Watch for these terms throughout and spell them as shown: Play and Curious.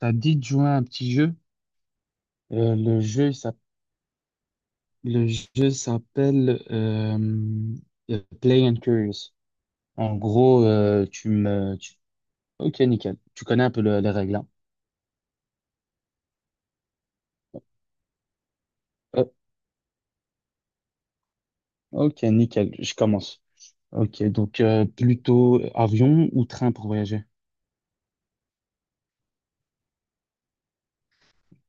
Ça dit de jouer à un petit jeu. Le jeu, le jeu s'appelle Play and Curious. En gros, Ok, nickel. Tu connais un peu les règles, hein. Euh, ok, nickel. Je commence. Ok, donc plutôt avion ou train pour voyager?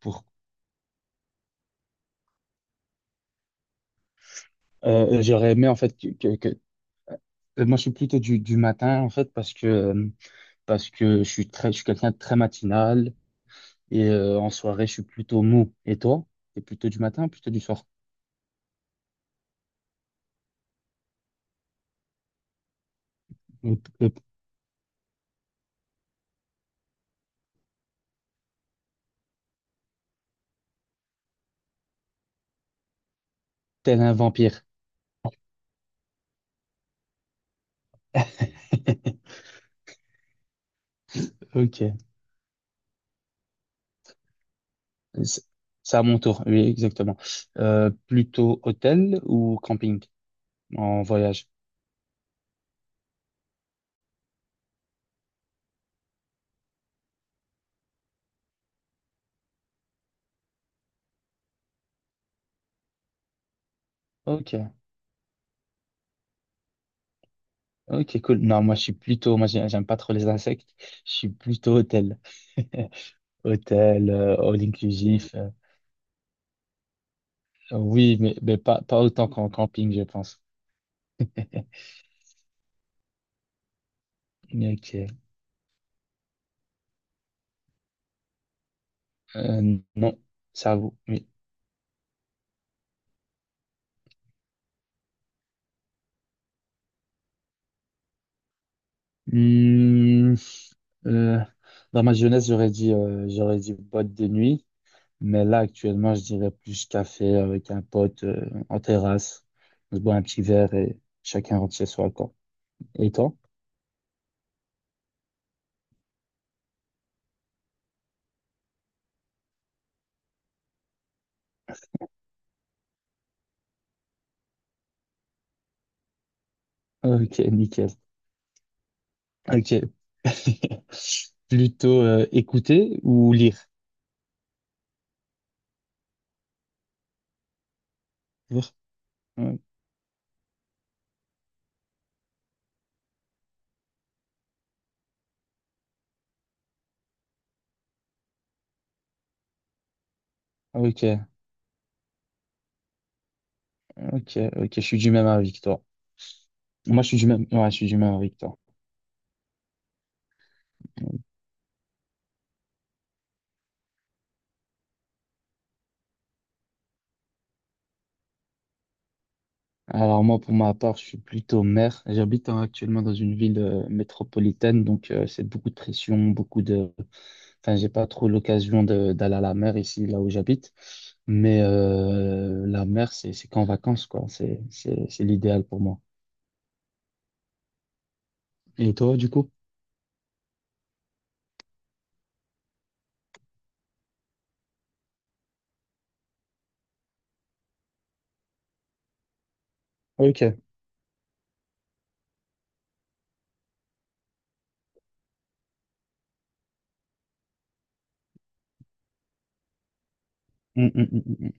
Pour... j'aurais aimé, en fait, moi, je suis plutôt du matin, en fait, parce que je suis je suis quelqu'un de très matinal et en soirée, je suis plutôt mou. Et toi? T'es plutôt du matin ou plutôt du soir? Ou. Tel un vampire. Ok. C'est c'est à mon tour. Oui, exactement. Plutôt hôtel ou camping en voyage? Ok. Ok, cool. Non, moi, je suis plutôt. Moi, j'aime pas trop les insectes. Je suis plutôt hôtel. Hôtel, all inclusif. Oui, mais pas autant qu'en camping, je pense. Ok. Non, ça vous. Oui. Hmm, euh, dans ma jeunesse, j'aurais dit boîte de nuit. Mais là, actuellement, je dirais plus café avec un pote en terrasse. On se boit un petit verre et chacun rentre chez soi, quoi. Et toi? Ok, nickel. Ok. Plutôt écouter ou lire? Lire. Ouais. Ok, ok. Je suis du même avis que toi. Moi, je suis du même, ouais, je suis du même avis que toi. Alors moi, pour ma part, je suis plutôt maire. J'habite hein, actuellement dans une ville métropolitaine, donc c'est beaucoup de pression, beaucoup de. Enfin, j'ai pas trop l'occasion d'aller à la mer ici, là où j'habite. Mais la mer, c'est qu'en vacances, quoi. C'est l'idéal pour moi. Et toi, du coup? Ok. Mm, mm, mm,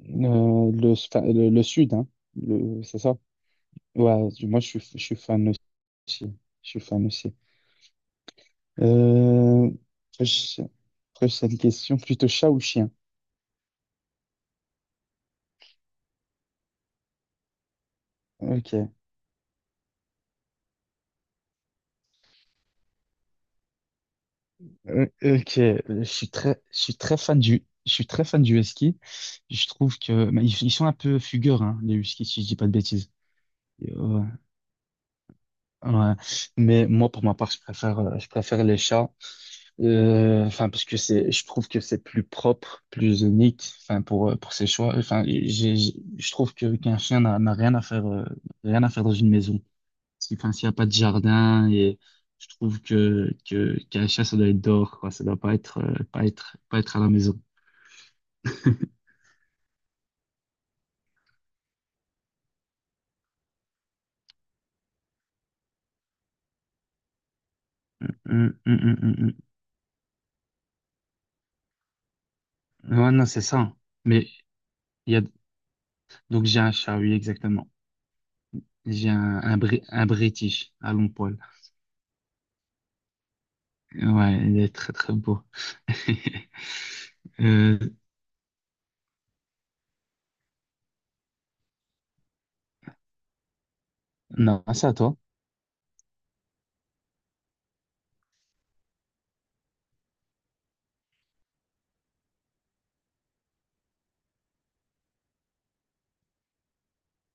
mm. Enfin, le sud, hein. C'est ça? Ouais, moi, je suis fan aussi. Je suis fan aussi. Euh, après, je- après, c'est une question plutôt chat ou chien? Ok. Ok, je suis très fan je suis très fan du husky. Je trouve que mais ils sont un peu fugueurs, hein, les huskies, si je dis pas de bêtises. Et, ouais. Mais moi, pour ma part, je préfère les chats. Enfin, parce que c'est, je trouve que c'est plus propre, plus unique. Enfin, pour ses choix. Enfin, je trouve que qu'un chien n'a rien à faire, rien à faire dans une maison. Parce que, enfin, s'il n'y a pas de jardin, et je trouve qu'à la chasse, ça doit être dehors, quoi. Ça doit pas être, pas être à la maison. Hum, hum, hum, hum, Ouais, non, c'est ça. Hein. Mais il y a, donc j'ai un chat, oui, exactement. J'ai un British à long poil. Ouais, il est très, très beau. Euh, non, c'est à toi.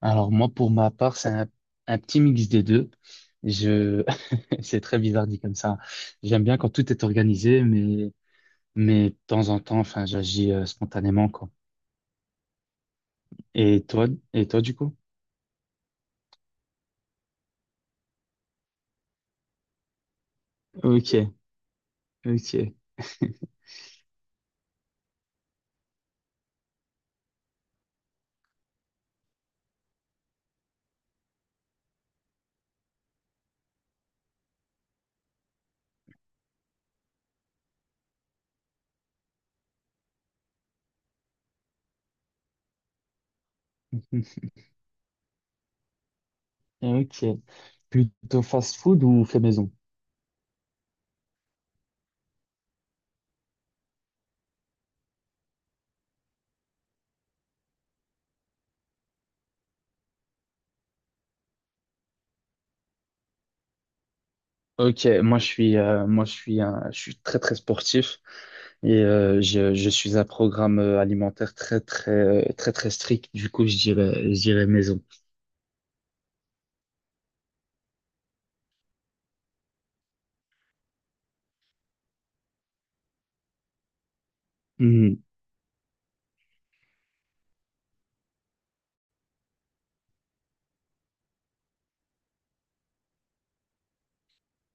Alors, moi, pour ma part, un petit mix des deux. Je, c'est très bizarre dit comme ça. J'aime bien quand tout est organisé, mais de temps en temps, enfin, j'agis spontanément, quoi. Et toi, du coup? Ok, ok, ok. Plutôt fast-food ou fait maison? Ok, moi je suis, un, je suis très très sportif et je suis un programme alimentaire très très très très strict. Du coup, je dirais maison. Mhm.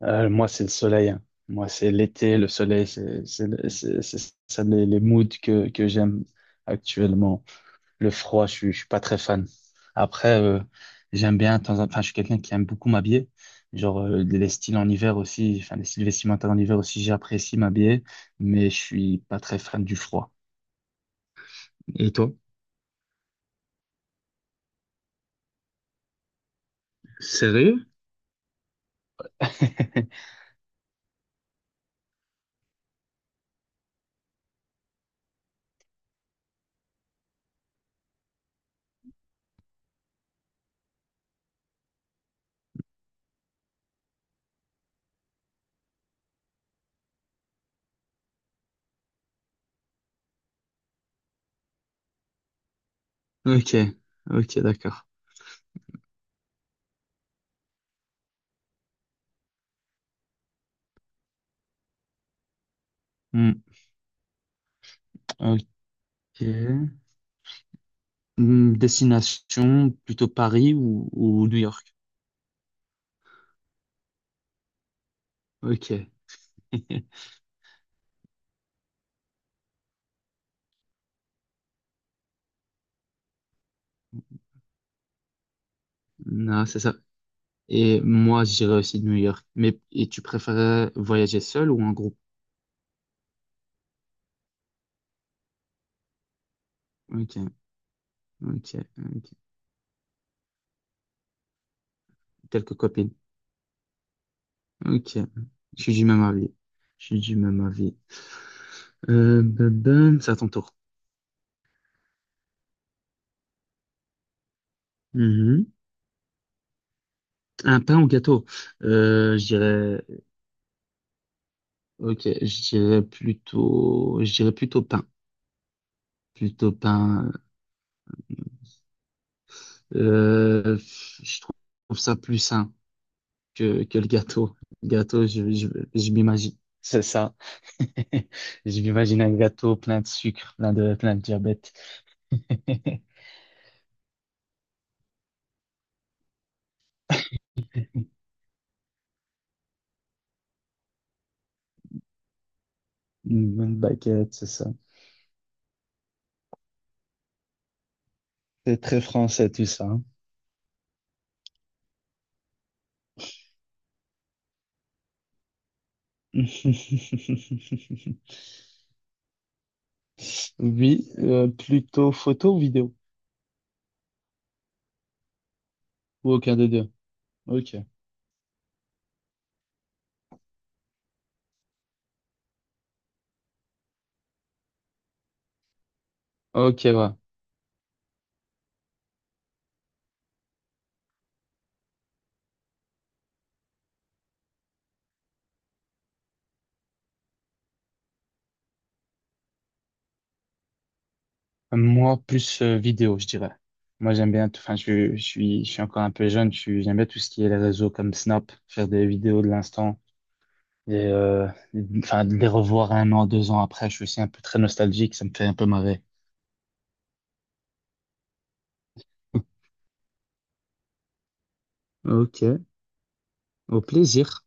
Moi, c'est le soleil. Hein. Moi, c'est l'été, le soleil, c'est ça les moods que j'aime actuellement. Le froid, je suis pas très fan. Après, j'aime bien, enfin, je suis quelqu'un qui aime beaucoup m'habiller. Genre, les styles en hiver aussi, enfin, les styles vestimentaires en hiver aussi, j'apprécie m'habiller, mais je suis pas très fan du froid. Et toi? Sérieux? Ok, ok, d'accord. Hmm, ok. Destination, plutôt Paris ou New York? Ok. Non, c'est ça. Et moi, j'irais aussi de New York. Mais et tu préférais voyager seul ou en groupe? Ok. Ok, ok. Quelques copines. Ok. Je suis du même avis. Je suis du même avis. Ben, c'est à ton tour. Mhm. Un pain ou gâteau? Euh, je dirais, ok, je dirais je dirais plutôt pain. Plutôt pain. Euh, je trouve ça plus sain que le gâteau. Le gâteau, je m'imagine. C'est ça. Je m'imagine un gâteau plein de sucre, plein de diabète. Une bonne baguette, c'est ça. C'est très français tout ça. Hein. Oui, plutôt photo ou vidéo? Ou aucun des deux? Ok. Ok, ouais. Moi, plus vidéo, je dirais. Moi, j'aime bien tout. Enfin, je suis encore un peu jeune. Je suis, j'aime bien tout ce qui est les réseaux comme Snap, faire des vidéos de l'instant et enfin, de les revoir 1 an, 2 ans après. Je suis aussi un peu très nostalgique. Ça me fait un peu marrer. Ok, au plaisir.